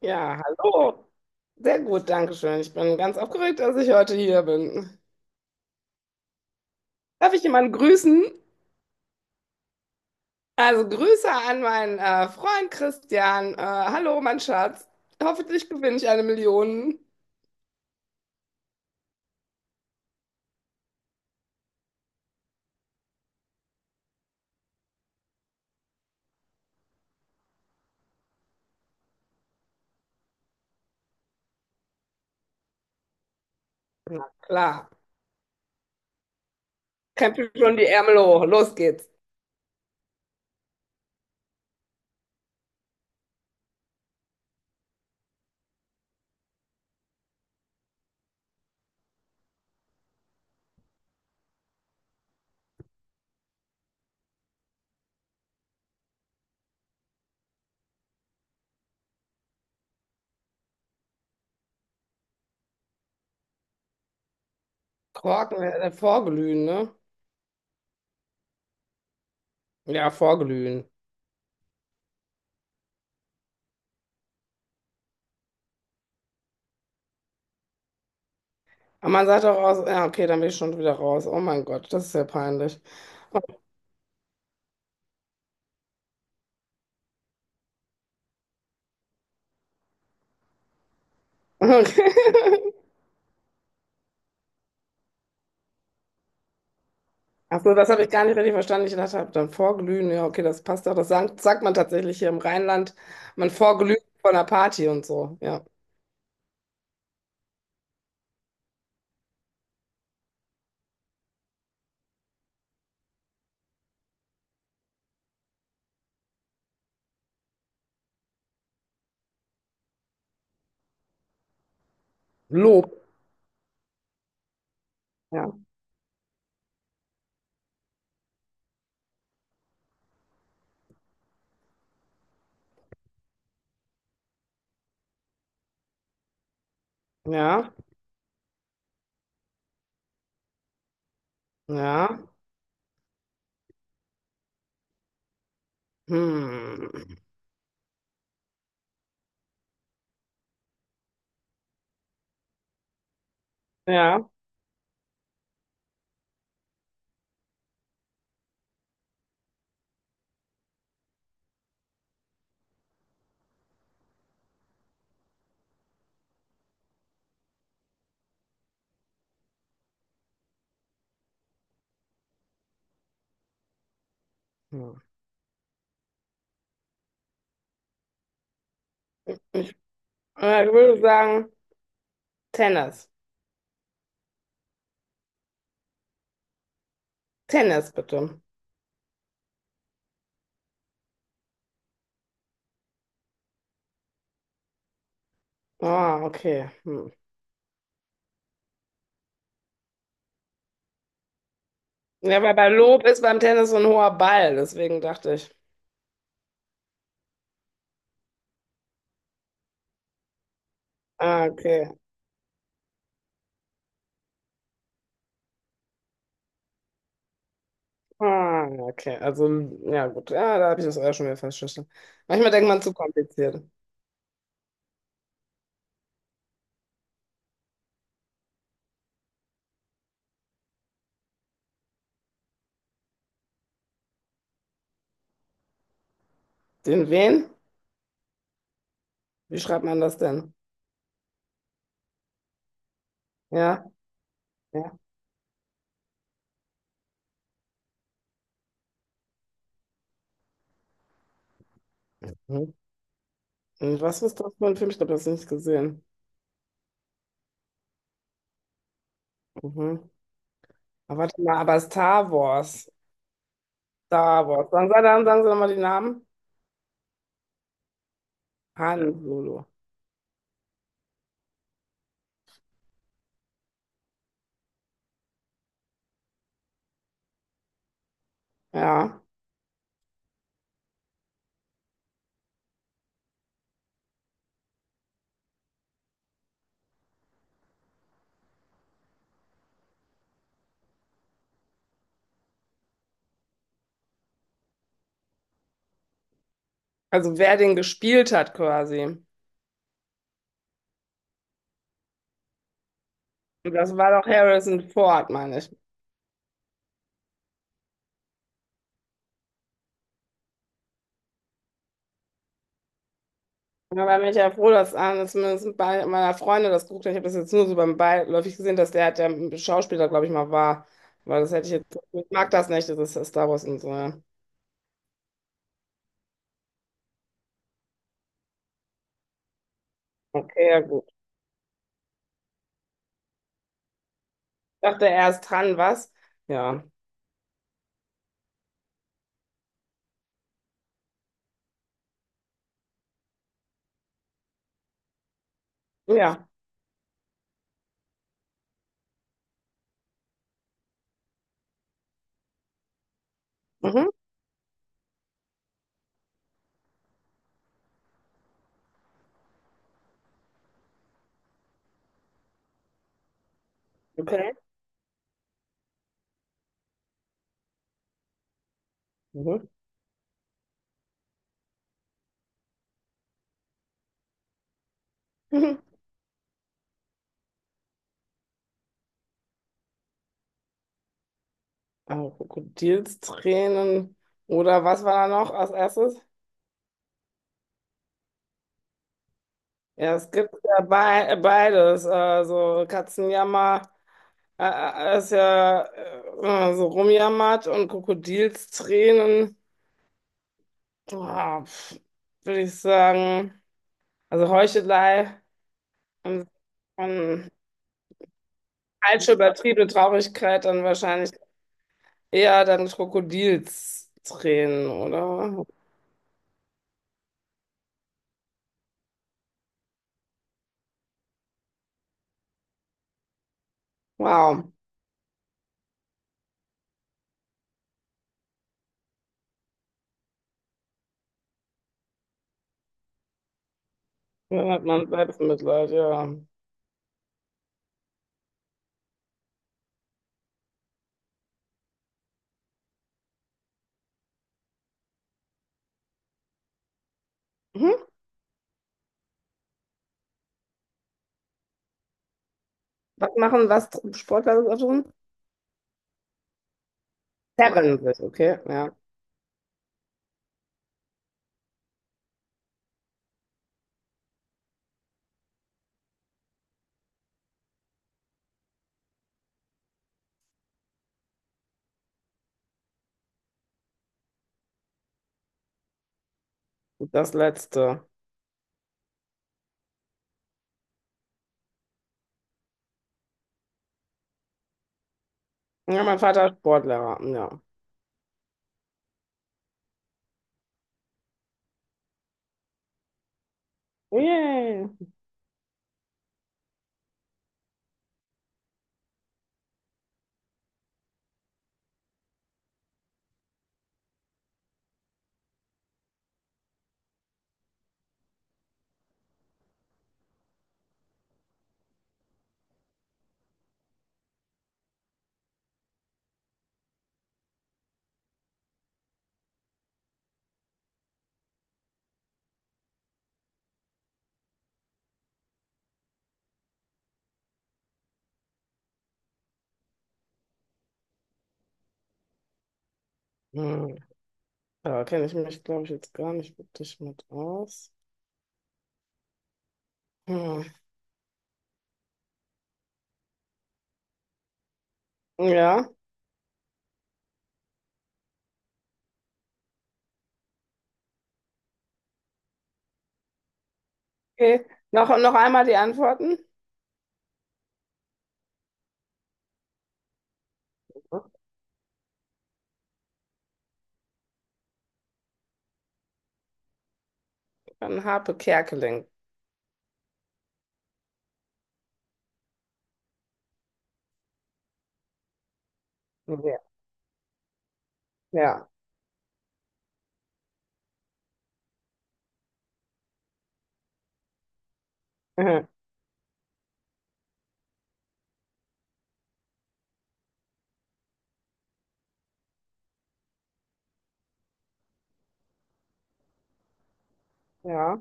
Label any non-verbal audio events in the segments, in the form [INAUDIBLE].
Ja, hallo. Sehr gut, danke schön. Ich bin ganz aufgeregt, dass ich heute hier bin. Darf ich jemanden grüßen? Also Grüße an meinen Freund Christian. Hallo, mein Schatz. Hoffentlich gewinne ich eine Million. Na klar. Krempel schon die Ärmel hoch. Los geht's. Korken, vorglühen, ne? Ja, vorglühen. Aber man sagt auch aus, ja, okay, dann bin ich schon wieder raus. Oh mein Gott, das ist ja peinlich. [LAUGHS] Okay. Ach so, das habe ich gar nicht richtig verstanden. Ich dachte, hab dann vorglühen, ja, okay, das passt doch. Das sagt man tatsächlich hier im Rheinland. Man vorglüht von einer Party und so. Ja. Lob. Ja. Ja. Ja. Hm. Ja. Hm. Ja, ich würde sagen, Tennis. Tennis, bitte. Ah, okay. Hm. Ja, weil bei Lob ist beim Tennis so ein hoher Ball, deswegen dachte ich. Ah, okay. Ah, okay. Also, ja, gut. Ja, da habe ich das auch schon wieder festgestellt. Manchmal denkt man zu kompliziert. Den wen? Wie schreibt man das denn? Ja, ja. Mhm. Und was ist das für ein Film? Ich glaube, das habe ich nicht gesehen. Mhm. Aber warte mal, aber Star Wars. Star Wars. Sagen Sie, dann, sagen Sie nochmal den Namen. Han Solo. Ja. Also wer den gespielt hat quasi. Und das war doch Harrison Ford, meine ich. Da war ich ja froh, dass einer zumindest bei meiner Freunde das geguckt hat. Ich habe das jetzt nur so beim Beiläufig gesehen, dass der Schauspieler, glaube ich, mal war. Weil das hätte ich jetzt. Ich mag das nicht, das ist Star Wars und so. Ja. Okay, ja, gut. Dachte er ist dran, was? Ja. Ja. Mhm. Okay. Mhm. [LAUGHS] Mhm. Also Krokodilstränen. Oder was war da noch als erstes? Ja, es gibt ja bei, beides. Also Katzenjammer ist ja so rumjammert und Krokodilstränen. Ah, pf, würde ich sagen. Also Heuchelei und, und falsche übertriebene Traurigkeit dann wahrscheinlich. Eher dann Krokodilstränen, oder? Wow. Dann hat man Selbstmitleid, ja. Mhm. Was machen, was tr- Sportler das auch tun? Zerren sich, okay, ja. Und das Letzte. Ja, mein Vater ist Sportlehrer, ja. Yay. Hm. Da kenne ich mich, glaube ich, jetzt gar nicht wirklich mit aus. Hm. Ja, okay. Noch, noch einmal die Antworten. Dann Harpe Kerkeling. Ja. Ja. [LAUGHS] Mhm. Ja.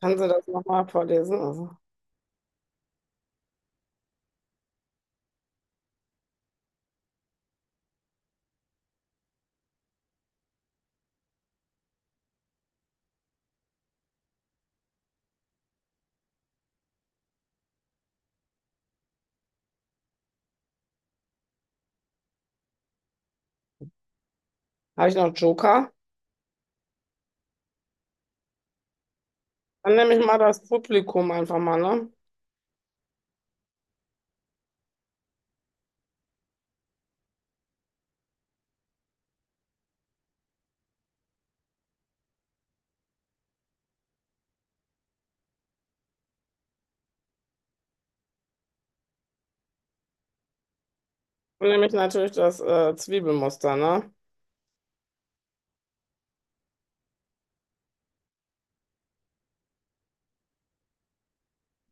Kannst du das nochmal vorlesen? Also, habe ich noch Joker? Dann nehme ich mal das Publikum einfach mal, ne? Dann nehme ich natürlich das Zwiebelmuster, ne?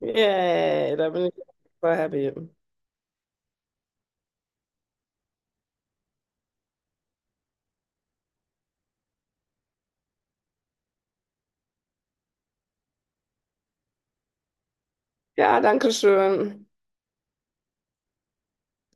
Yay, da bin ich super happy. Ja, danke schön.